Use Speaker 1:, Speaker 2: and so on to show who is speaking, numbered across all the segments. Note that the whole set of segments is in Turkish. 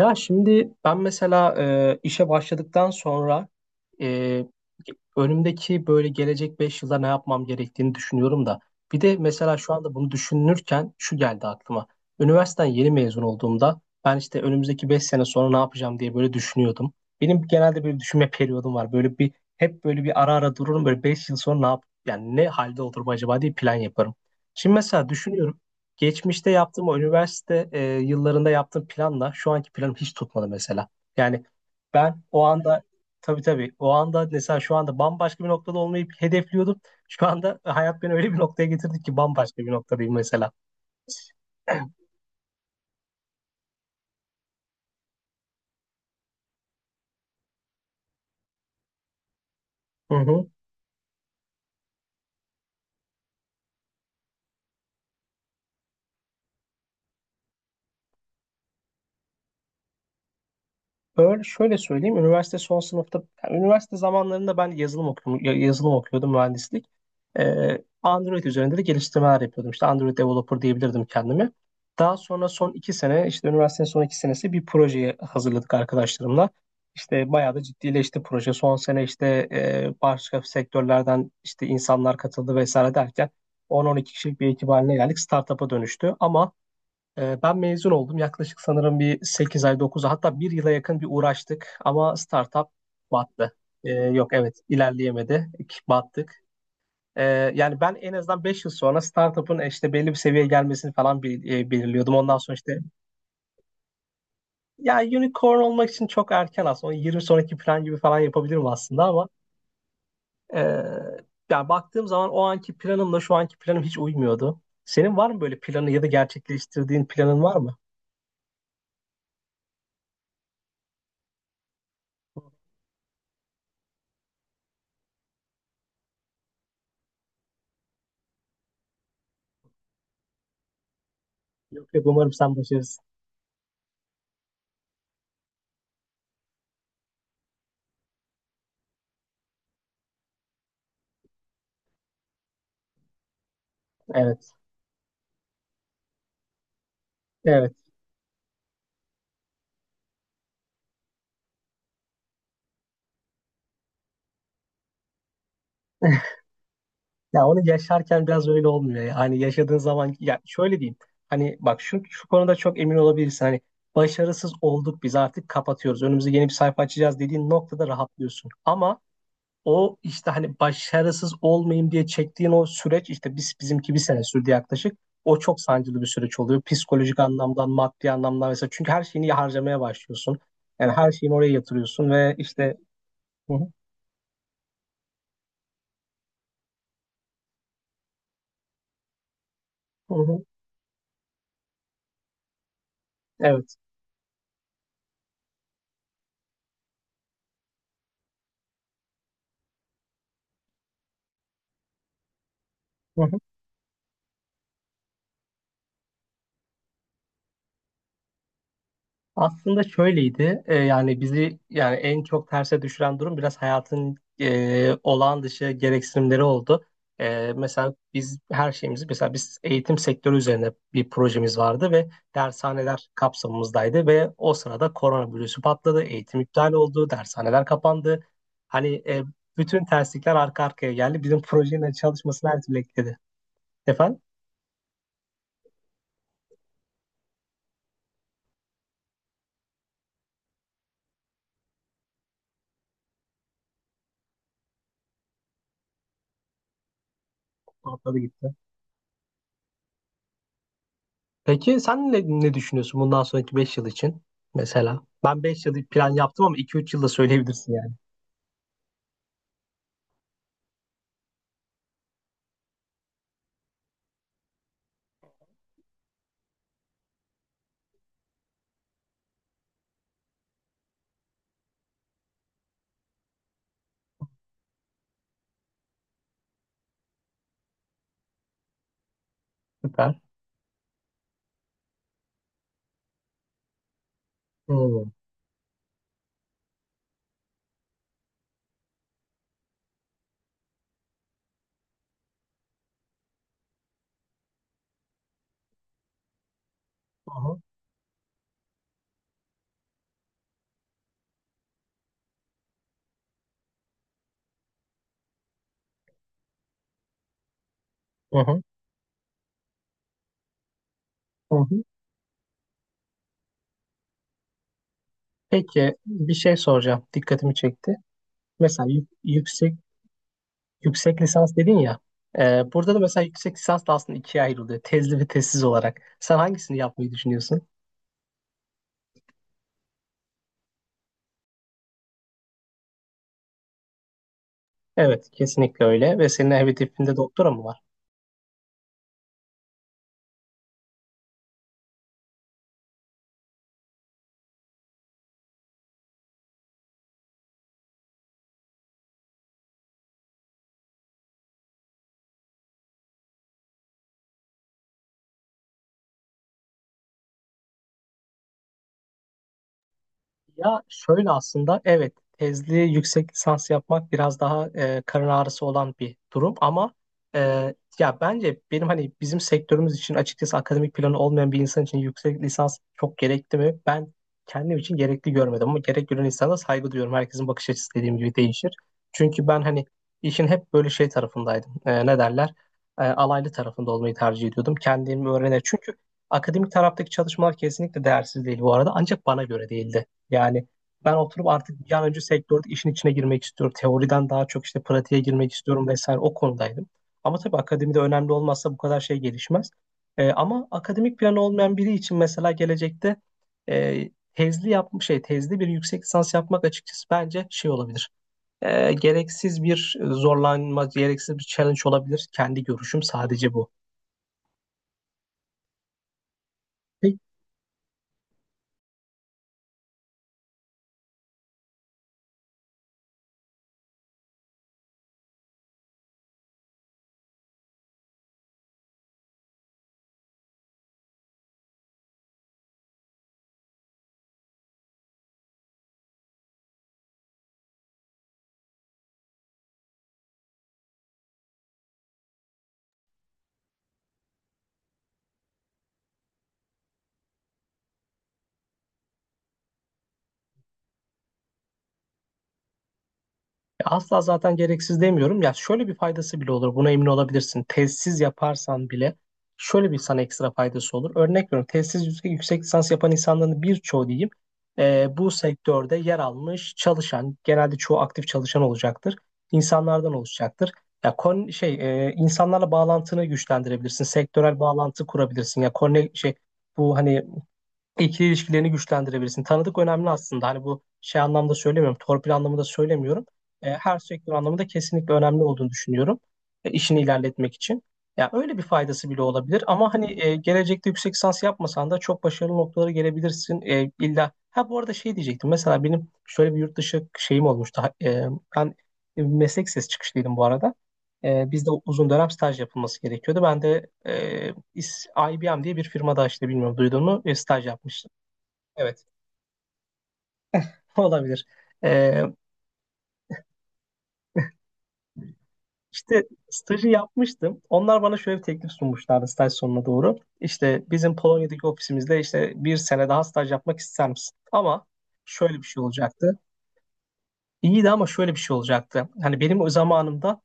Speaker 1: Ya şimdi ben mesela işe başladıktan sonra e, önümdeki böyle gelecek 5 yılda ne yapmam gerektiğini düşünüyorum da. Bir de mesela şu anda bunu düşünürken şu geldi aklıma. Üniversiteden yeni mezun olduğumda ben işte önümüzdeki 5 sene sonra ne yapacağım diye böyle düşünüyordum. Benim genelde böyle düşünme periyodum var. Böyle bir hep böyle bir ara ara dururum, böyle 5 yıl sonra ne yap yani ne halde olurum acaba diye plan yaparım. Şimdi mesela düşünüyorum. Geçmişte yaptığım o üniversite yıllarında yaptığım planla şu anki planım hiç tutmadı mesela. Yani ben o anda, tabii tabii, o anda mesela şu anda bambaşka bir noktada olmayı hedefliyordum. Şu anda hayat beni öyle bir noktaya getirdi ki bambaşka bir noktadayım mesela. Hı hı. Öyle şöyle söyleyeyim. Üniversite son sınıfta, yani üniversite zamanlarında ben yazılım okuyordum mühendislik. Android üzerinde de geliştirmeler yapıyordum. İşte Android developer diyebilirdim kendimi. Daha sonra son 2 sene, işte üniversitenin son 2 senesi bir projeye hazırladık arkadaşlarımla. İşte bayağı da ciddileşti proje. Son sene işte başka sektörlerden işte insanlar katıldı vesaire derken 10-12 kişilik bir ekip haline geldik. Startup'a dönüştü ama ben mezun oldum. Yaklaşık sanırım bir 8 ay, 9 ay hatta bir yıla yakın bir uğraştık ama startup battı. Yok, evet ilerleyemedik, battık. Ee, Yani ben en azından 5 yıl sonra startup'ın işte belli bir seviyeye gelmesini falan belirliyordum. Ondan sonra işte ya, unicorn olmak için çok erken aslında. Onu 20 sonraki plan gibi falan yapabilirim aslında ama e, yani baktığım zaman o anki planımla şu anki planım hiç uymuyordu. Senin var mı böyle planı ya da gerçekleştirdiğin planın var mı? Yok yok, umarım sen başarırsın. Evet. Evet. Ya onu yaşarken biraz öyle olmuyor ya. Hani yaşadığın zaman ya şöyle diyeyim. Hani bak, şu konuda çok emin olabilirsin. Hani başarısız olduk, biz artık kapatıyoruz. Önümüze yeni bir sayfa açacağız dediğin noktada rahatlıyorsun. Ama o işte hani başarısız olmayayım diye çektiğin o süreç, işte bizimki bir sene sürdü yaklaşık. O çok sancılı bir süreç oluyor. Psikolojik anlamdan, maddi anlamdan mesela. Çünkü her şeyini harcamaya başlıyorsun. Yani her şeyini oraya yatırıyorsun ve işte. Hı hı, hı hı, evet. Aslında şöyleydi. Yani bizi, yani en çok terse düşüren durum biraz hayatın olağan dışı gereksinimleri oldu. Mesela biz her şeyimizi, mesela biz eğitim sektörü üzerine bir projemiz vardı ve dershaneler kapsamımızdaydı ve o sırada koronavirüsü patladı, eğitim iptal oldu, dershaneler kapandı. Hani bütün terslikler arka arkaya geldi. Bizim projenin çalışmasını her türlü etkiledi. Efendim? Atladı gitti. Peki sen ne düşünüyorsun bundan sonraki 5 yıl için mesela? Ben 5 yıllık plan yaptım ama 2-3 yılda söyleyebilirsin yani. Süper. Hmm. Aha, aha, aha. Peki bir şey soracağım. Dikkatimi çekti. Mesela yüksek lisans dedin ya. e, Burada da mesela yüksek lisans da aslında ikiye ayrılıyor. Tezli ve tezsiz olarak. Sen hangisini yapmayı düşünüyorsun? Evet, kesinlikle öyle. Ve senin hedefinde doktora mı var? Ya şöyle, aslında evet, tezli yüksek lisans yapmak biraz daha karın ağrısı olan bir durum ama ya, bence benim hani bizim sektörümüz için, açıkçası akademik planı olmayan bir insan için yüksek lisans çok gerekli mi? Ben kendim için gerekli görmedim ama gerek gören insana saygı duyuyorum. Herkesin bakış açısı dediğim gibi değişir. Çünkü ben hani işin hep böyle şey tarafındaydım. Ne derler? Alaylı tarafında olmayı tercih ediyordum. Kendimi öğrene. Çünkü akademik taraftaki çalışmalar kesinlikle değersiz değil bu arada, ancak bana göre değildi. Yani ben oturup artık bir an önce sektördeki işin içine girmek istiyorum. Teoriden daha çok işte pratiğe girmek istiyorum vesaire, o konudaydım. Ama tabii akademide önemli olmazsa bu kadar şey gelişmez. Ama akademik planı olmayan biri için mesela gelecekte e, tezli yapmış şey tezli bir yüksek lisans yapmak açıkçası bence şey olabilir. Gereksiz bir zorlanma, gereksiz bir challenge olabilir. Kendi görüşüm sadece bu. Ya, asla zaten gereksiz demiyorum. Ya şöyle bir faydası bile olur. Buna emin olabilirsin. Tezsiz yaparsan bile şöyle bir sana ekstra faydası olur. Örnek veriyorum. Tezsiz yüksek lisans yapan insanların birçoğu, diyeyim, bu sektörde yer almış çalışan, genelde çoğu aktif çalışan olacaktır. İnsanlardan oluşacaktır. Ya, insanlarla bağlantını güçlendirebilirsin. Sektörel bağlantı kurabilirsin. Ya, konne şey bu hani ikili ilişkilerini güçlendirebilirsin. Tanıdık önemli aslında. Hani bu şey anlamda söylemiyorum. Torpil anlamında söylemiyorum. Her sektör anlamında kesinlikle önemli olduğunu düşünüyorum. İşini ilerletmek için. Ya, öyle bir faydası bile olabilir ama hani gelecekte yüksek lisans yapmasan da çok başarılı noktalara gelebilirsin. İlla ha, bu arada şey diyecektim. Mesela benim şöyle bir yurt dışı şeyim olmuştu. Ben meslek sesi çıkışlıydım bu arada. Bizde uzun dönem staj yapılması gerekiyordu. Ben de İs- IBM diye bir firmada, işte bilmiyorum duydun mu, staj yapmıştım. Evet, olabilir. Ee, işte stajı yapmıştım. Onlar bana şöyle bir teklif sunmuşlardı staj sonuna doğru. İşte bizim Polonya'daki ofisimizde işte bir sene daha staj yapmak ister misin? Ama şöyle bir şey olacaktı. İyiydi ama şöyle bir şey olacaktı. Hani benim o zamanımda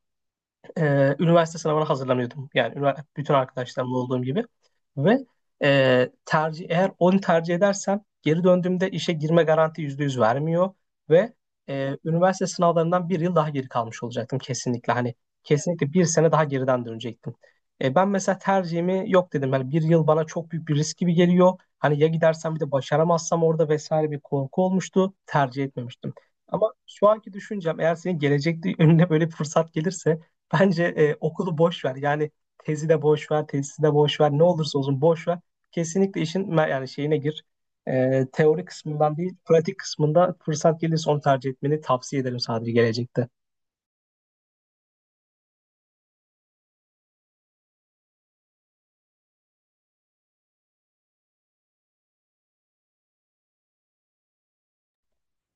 Speaker 1: üniversite sınavına hazırlanıyordum. Yani bütün arkadaşlarımla olduğum gibi. Ve tercih, eğer onu tercih edersem geri döndüğümde işe girme garanti %100 vermiyor ve üniversite sınavlarından bir yıl daha geri kalmış olacaktım kesinlikle. Hani kesinlikle bir sene daha geriden dönecektim. Ben mesela tercihimi yok dedim. Yani bir yıl bana çok büyük bir risk gibi geliyor. Hani ya gidersem, bir de başaramazsam orada vesaire, bir korku olmuştu. Tercih etmemiştim. Ama şu anki düşüncem, eğer senin gelecekte önüne böyle bir fırsat gelirse, bence okulu boş ver. Yani tezi de boş ver, tezisi de boş ver. Ne olursa olsun boş ver. Kesinlikle işin yani şeyine gir. Teori kısmından değil, pratik kısmında fırsat gelirse onu tercih etmeni tavsiye ederim sadece gelecekte.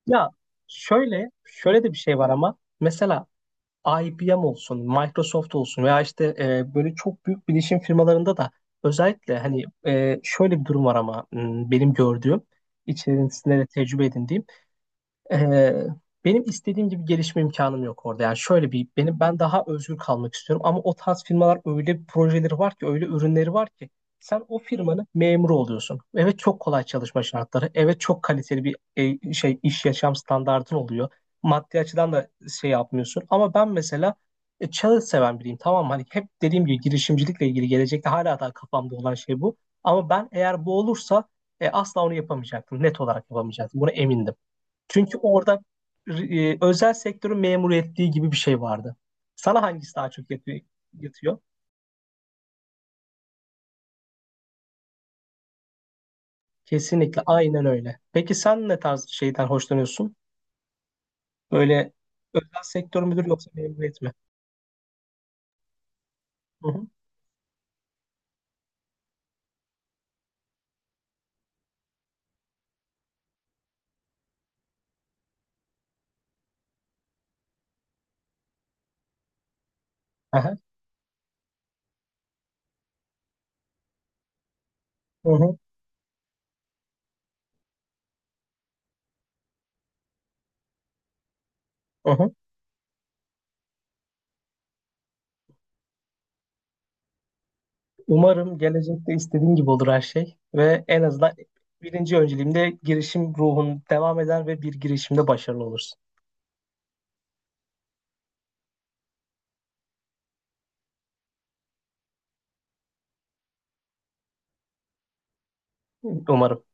Speaker 1: Ya şöyle de bir şey var ama mesela IBM olsun, Microsoft olsun veya işte böyle çok büyük bilişim firmalarında da özellikle hani şöyle bir durum var ama benim gördüğüm, içerisinde de tecrübe edindiğim. Ee, Benim istediğim gibi gelişme imkanım yok orada. Yani şöyle bir ben daha özgür kalmak istiyorum ama o tarz firmalar öyle projeleri var ki, öyle ürünleri var ki sen o firmanın memuru oluyorsun. Evet, çok kolay çalışma şartları. Evet, çok kaliteli bir iş yaşam standartın oluyor. Maddi açıdan da şey yapmıyorsun. Ama ben mesela challenge seven biriyim, tamam mı? Hani hep dediğim gibi girişimcilikle ilgili gelecekte hala daha kafamda olan şey bu. Ama ben eğer bu olursa asla onu yapamayacaktım. Net olarak yapamayacaktım. Buna emindim. Çünkü orada özel sektörün memur ettiği gibi bir şey vardı. Sana hangisi daha çok yatıyor? Kesinlikle, aynen öyle. Peki sen ne tarz şeyden hoşlanıyorsun? Böyle özel sektör müdür yoksa memuriyet mi? Hı hı. Aha. Hı hı. Hı hı. Umarım gelecekte istediğin gibi olur her şey ve en azından birinci önceliğimde girişim ruhun devam eder ve bir girişimde başarılı olursun. Umarım.